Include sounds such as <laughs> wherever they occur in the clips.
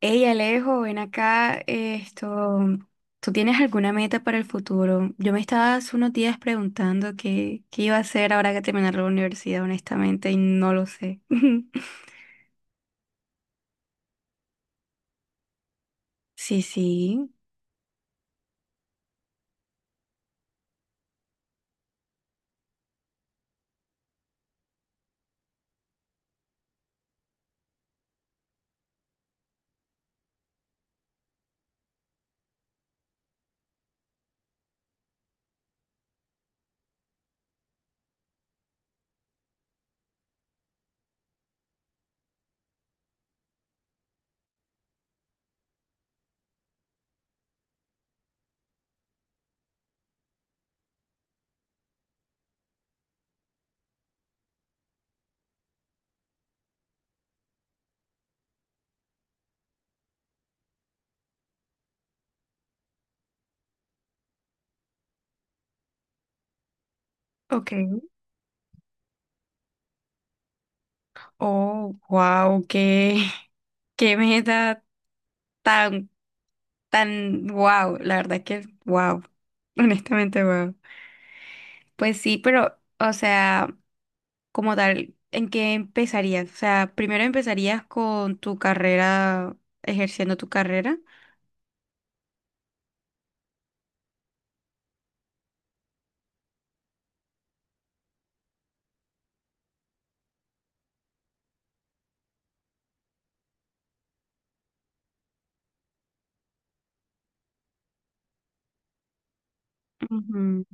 Hey Alejo, ven acá, esto, ¿tú tienes alguna meta para el futuro? Yo me estaba hace unos días preguntando qué iba a hacer ahora que terminar la universidad, honestamente, y no lo sé. <laughs> Sí, sí, ok. Oh, wow, <laughs> qué meta tan, tan, wow, la verdad que wow, <laughs> honestamente wow. Pues sí, pero, o sea, como tal, ¿en qué empezarías? O sea, primero empezarías con tu carrera, ejerciendo tu carrera. Ujú.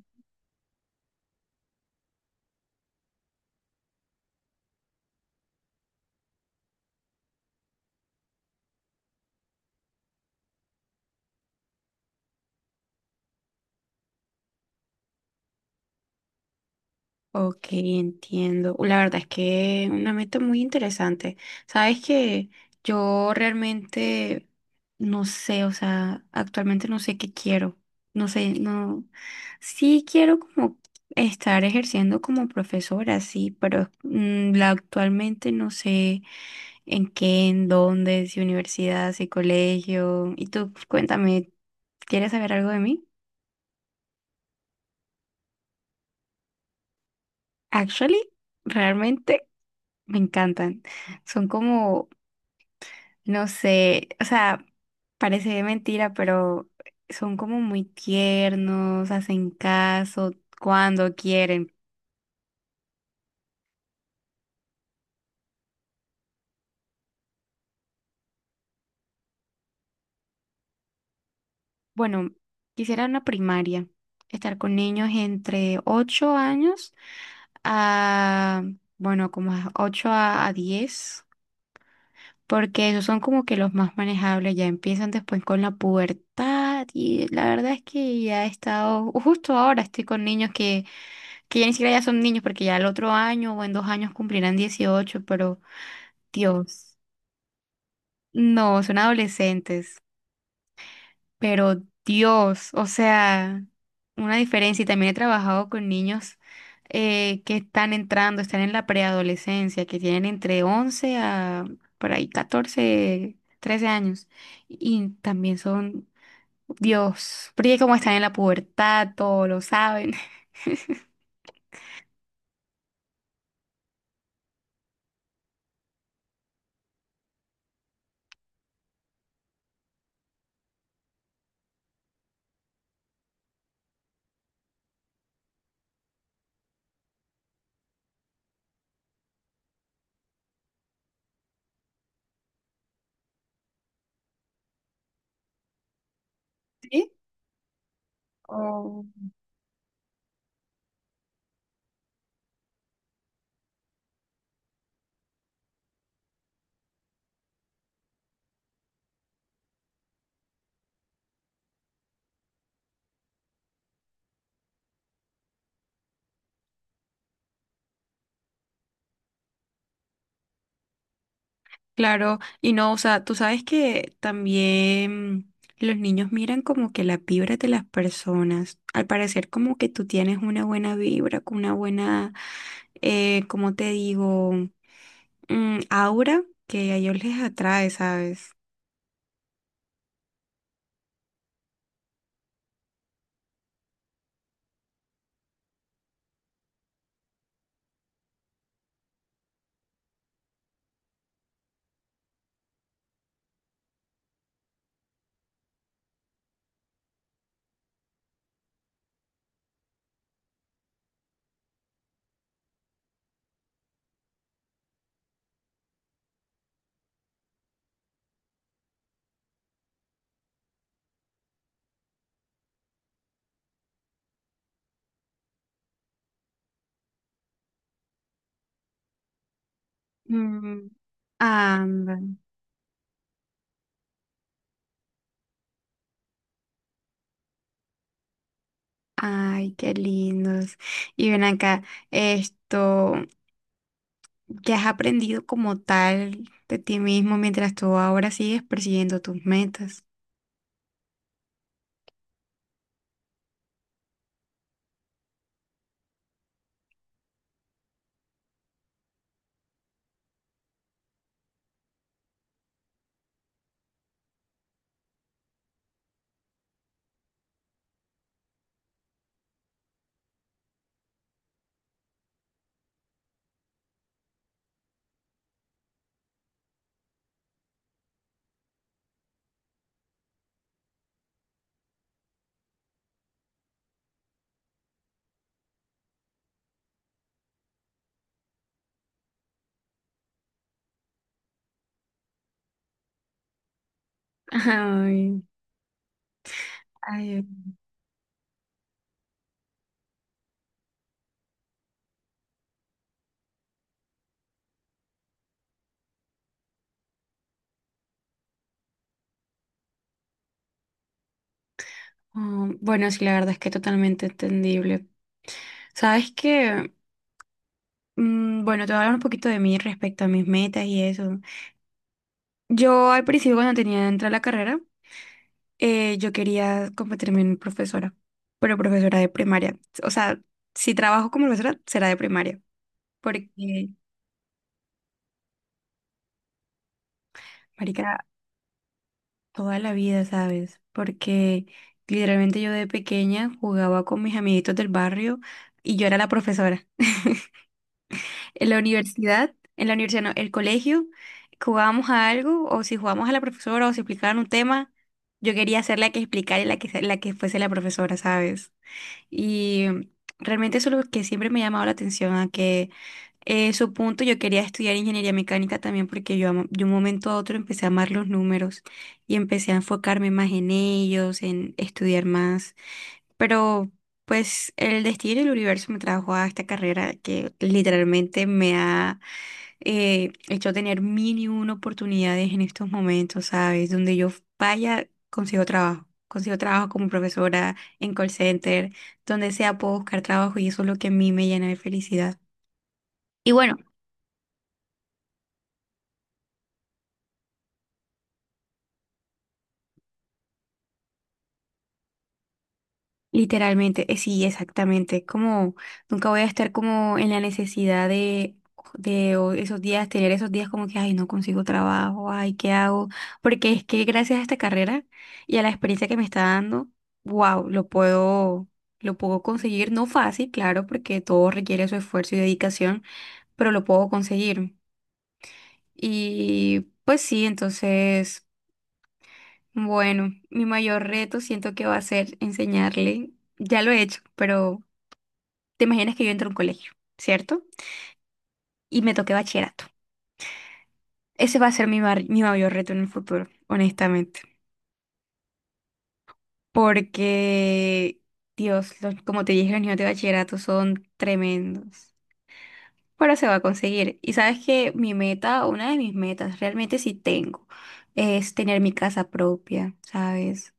Ok, entiendo. La verdad es que una meta muy interesante. Sabes que yo realmente no sé, o sea, actualmente no sé qué quiero. No sé, no. Sí quiero como estar ejerciendo como profesora, sí, pero actualmente no sé. ¿En qué? ¿En dónde? ¿Si universidad? ¿Si colegio? Y tú, cuéntame, ¿quieres saber algo de mí? Actually, realmente me encantan. Son como, no sé, o sea, parece mentira, pero son como muy tiernos, hacen caso cuando quieren. Bueno, quisiera una primaria, estar con niños entre 8 años a, bueno, como a 8 a 10. Porque esos son como que los más manejables, ya empiezan después con la pubertad y la verdad es que ya he estado, justo ahora estoy con niños que ya ni siquiera ya son niños porque ya el otro año o en 2 años cumplirán 18, pero Dios, no, son adolescentes. Pero Dios, o sea, una diferencia. Y también he trabajado con niños que están entrando, están en la preadolescencia, que tienen entre 11 a por ahí 14, 13 años. Y también son, Dios, porque como están en la pubertad, todo lo saben. <laughs> ¿Sí? Claro, y no, o sea, tú sabes que también los niños miran como que la vibra de las personas. Al parecer como que tú tienes una buena vibra, con una buena, ¿cómo te digo? Aura que a ellos les atrae, ¿sabes? Mm, ándale. Ay, qué lindos. Y ven acá, esto, ¿qué has aprendido como tal de ti mismo mientras tú ahora sigues persiguiendo tus metas? Ay. Ay, ah, bueno, sí, la verdad es que totalmente entendible. Sabes que, bueno, te voy a hablar un poquito de mí respecto a mis metas y eso. Yo al principio cuando tenía entrar a la carrera, yo quería convertirme en profesora, pero profesora de primaria. O sea, si trabajo como profesora, será de primaria, porque, marica, toda la vida, ¿sabes? Porque literalmente yo de pequeña jugaba con mis amiguitos del barrio y yo era la profesora. En la universidad, no, el colegio, que jugábamos a algo, o si jugábamos a la profesora, o si explicaban un tema, yo quería ser la que explicara y la que fuese la profesora, ¿sabes? Y realmente eso es lo que siempre me ha llamado la atención, a que su punto yo quería estudiar ingeniería mecánica también porque de un momento a otro empecé a amar los números y empecé a enfocarme más en ellos, en estudiar más. Pero pues el destino y el universo me trajo a esta carrera que literalmente me ha hecho tener mil y una oportunidades en estos momentos, ¿sabes? Donde yo vaya, consigo trabajo. Consigo trabajo como profesora en call center, donde sea puedo buscar trabajo y eso es lo que a mí me llena de felicidad. Y bueno. Literalmente, sí, exactamente. Como nunca voy a estar como en la necesidad de o esos días, tener esos días como que, ay, no consigo trabajo, ay, ¿qué hago? Porque es que gracias a esta carrera y a la experiencia que me está dando, wow, lo puedo conseguir. No fácil, claro, porque todo requiere su esfuerzo y dedicación, pero lo puedo conseguir. Y pues sí, entonces, bueno, mi mayor reto siento que va a ser enseñarle. Ya lo he hecho, pero te imaginas que yo entro a un colegio, ¿cierto? Y me toque bachillerato. Ese va a ser mi mayor reto en el futuro, honestamente. Porque, Dios, como te dije, los niños de bachillerato son tremendos. Pero se va a conseguir. Y sabes que mi meta, una de mis metas, realmente sí tengo, es tener mi casa propia, ¿sabes?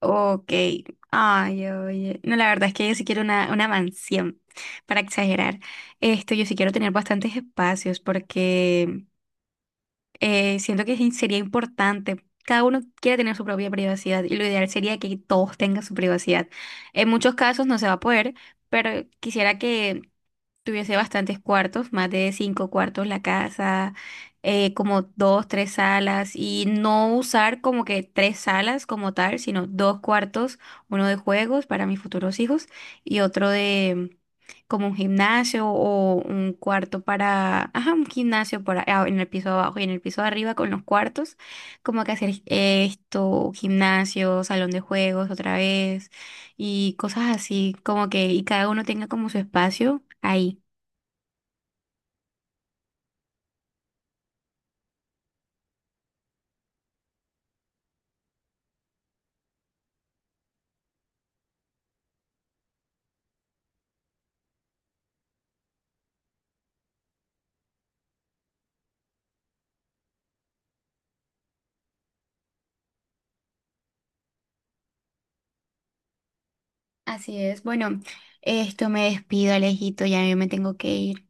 Ok. Ay, oye. No, la verdad es que yo sí quiero una mansión, para exagerar. Esto, yo sí quiero tener bastantes espacios porque siento que sí sería importante. Cada uno quiere tener su propia privacidad y lo ideal sería que todos tengan su privacidad. En muchos casos no se va a poder, pero quisiera que tuviese bastantes cuartos, más de cinco cuartos la casa, como dos, tres salas y no usar como que tres salas como tal, sino dos cuartos, uno de juegos para mis futuros hijos y otro como un gimnasio o un cuarto para, ajá, un gimnasio para, ah, en el piso de abajo y en el piso de arriba con los cuartos, como que hacer esto, gimnasio, salón de juegos otra vez y cosas así, como que y cada uno tenga como su espacio ahí. Así es, bueno, esto me despido, Alejito, ya yo me tengo que ir.